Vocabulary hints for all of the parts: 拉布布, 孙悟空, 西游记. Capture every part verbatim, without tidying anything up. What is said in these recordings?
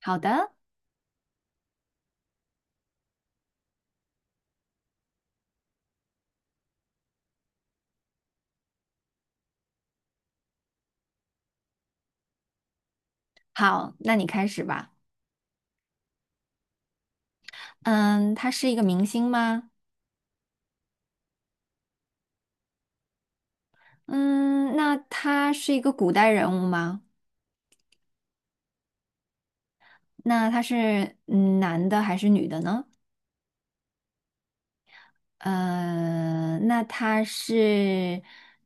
好的，好，那你开始吧。嗯，他是一个明星吗？嗯，那他是一个古代人物吗？那他是嗯男的还是女的呢？嗯，那他是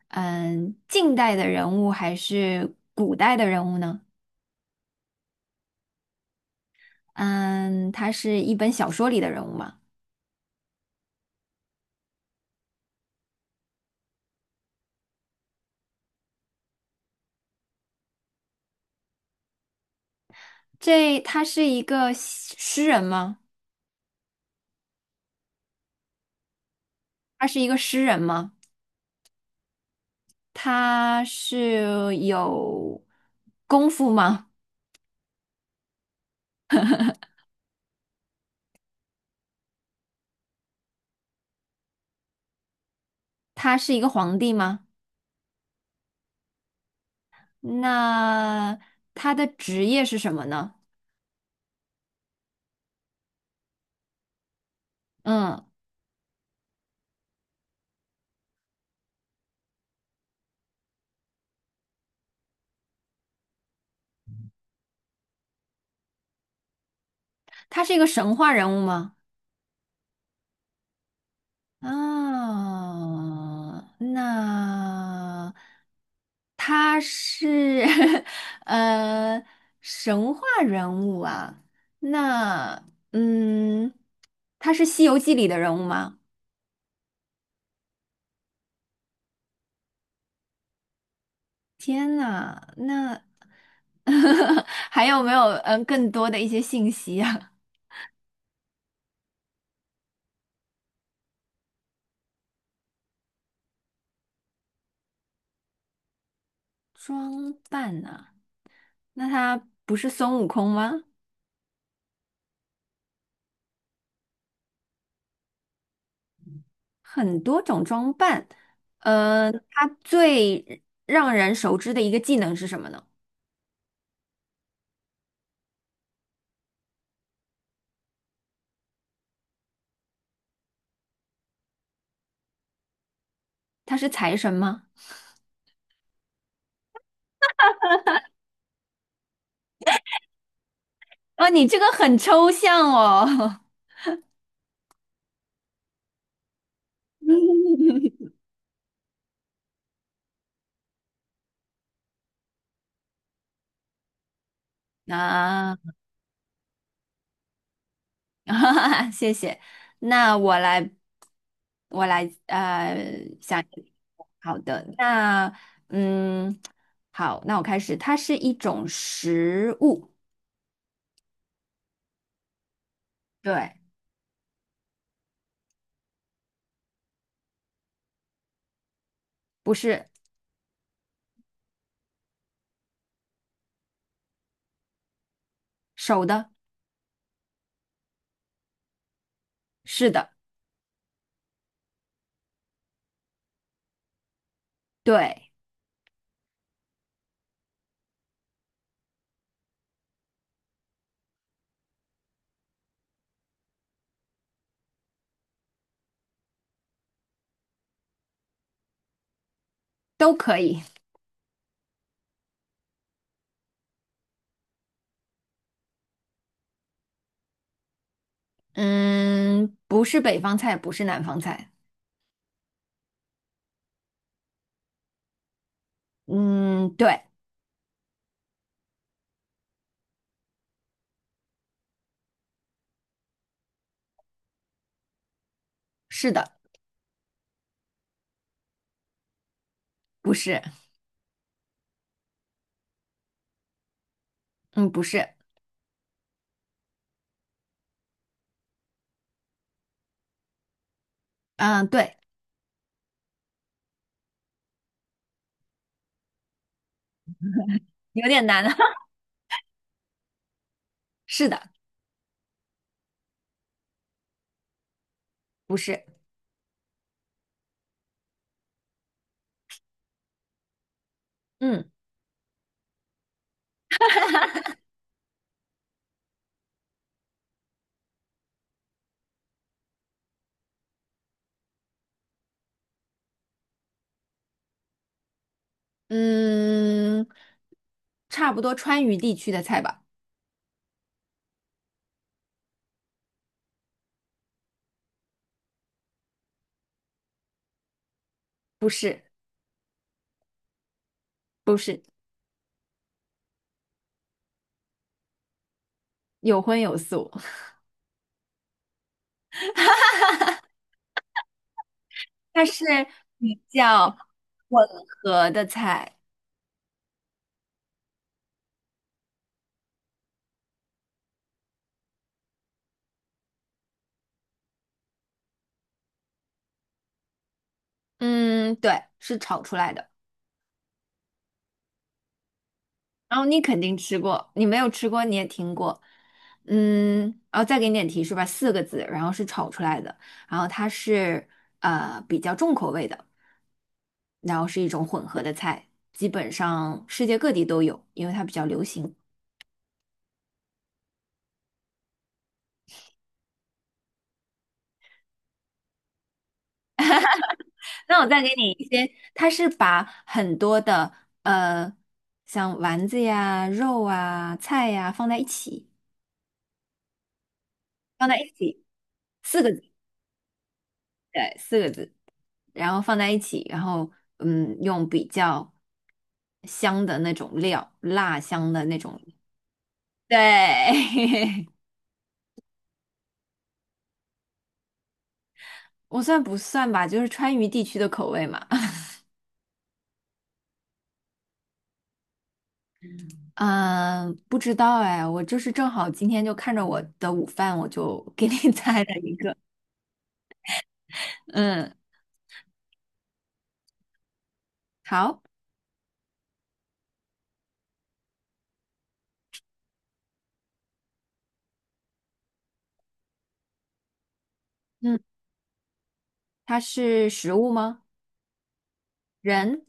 嗯近代的人物还是古代的人物呢？嗯，他是一本小说里的人物吗？这他是一个诗诗人吗？他是一个诗人吗？他是有功夫吗？他是一个皇帝吗？那他的职业是什么呢？嗯，他是一个神话人物吗？啊，那他是 呃神话人物啊。那嗯，他是《西游记》里的人物吗？天呐，那 还有没有嗯更多的一些信息啊？装扮呢、那他不是孙悟空吗？很多种装扮，呃，他最让人熟知的一个技能是什么呢？他是财神吗？啊，你这个很抽象哦。啊，哈哈谢谢。那我来，我来，呃，想一个，好的，那，嗯，好，那我开始。它是一种食物，对，不是手的，是的，对，都可以。嗯，不是北方菜，不是南方菜。嗯，对，是的，不是，嗯，不是，嗯，对，有点难 是的，不是，嗯嗯，差不多川渝地区的菜吧，不是，不是，有荤有素，它是比较混合的菜。嗯，对，是炒出来的。然后你肯定吃过，你没有吃过你也听过，嗯，然后再给你点提示吧，四个字，然后是炒出来的，然后它是呃比较重口味的，然后是一种混合的菜，基本上世界各地都有，因为它比较流行。那我再给你一些，它是把很多的呃像丸子呀、肉啊、菜呀放在一起，放在一起，四个字，对，四个字。然后放在一起，然后嗯，用比较香的那种料，辣香的那种。对，我算不算吧？就是川渝地区的口味嘛。嗯，不知道哎，我就是正好今天就看着我的午饭，我就给你 猜了一个。嗯，好，嗯，它是食物吗？人，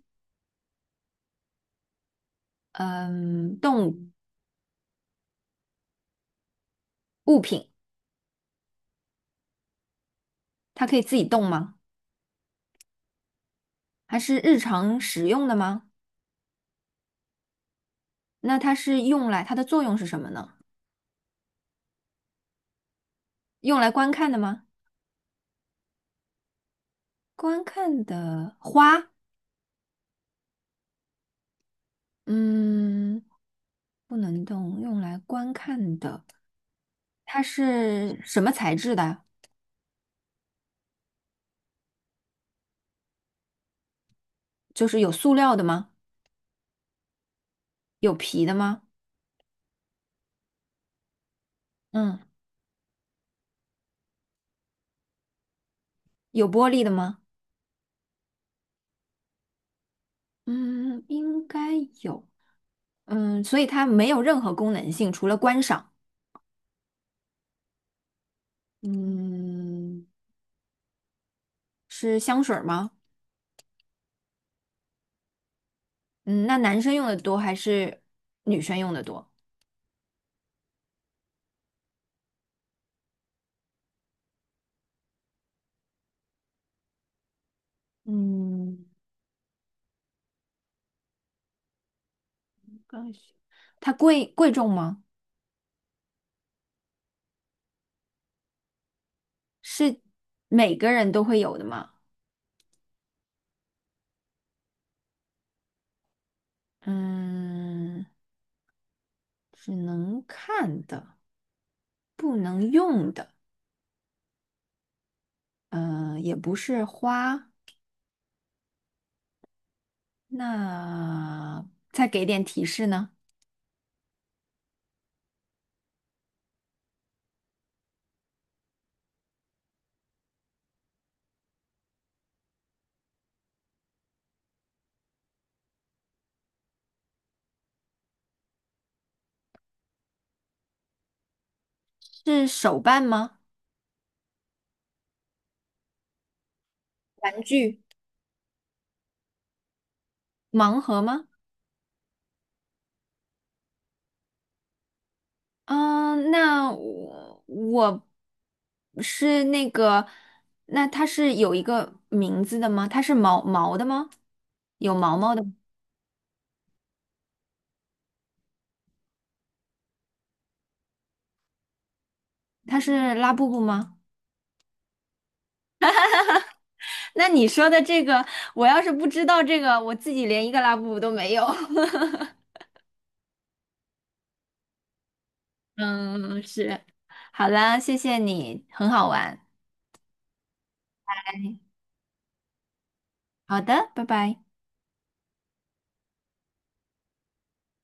嗯，动物，物品，它可以自己动吗？它是日常使用的吗？那它是用来，它的作用是什么呢？用来观看的吗？观看的花，嗯，不能动，用来观看的，它是什么材质的？就是有塑料的吗？有皮的吗？嗯，有玻璃的吗？嗯，应该有，嗯，所以它没有任何功能性，除了观赏。嗯，是香水儿吗？嗯，那男生用的多还是女生用的多？嗯，刚需它贵贵重吗？是每个人都会有的吗？嗯，只能看的，不能用的。嗯，也不是花，那再给点提示呢？是手办吗？玩具，盲盒吗？嗯，那我我是那个，那它是有一个名字的吗？它是毛毛的吗？有毛毛的吗？它是拉布布吗？那你说的这个，我要是不知道这个，我自己连一个拉布布都没有。嗯，是。好啦，谢谢你，很好玩。哎，好的，拜拜。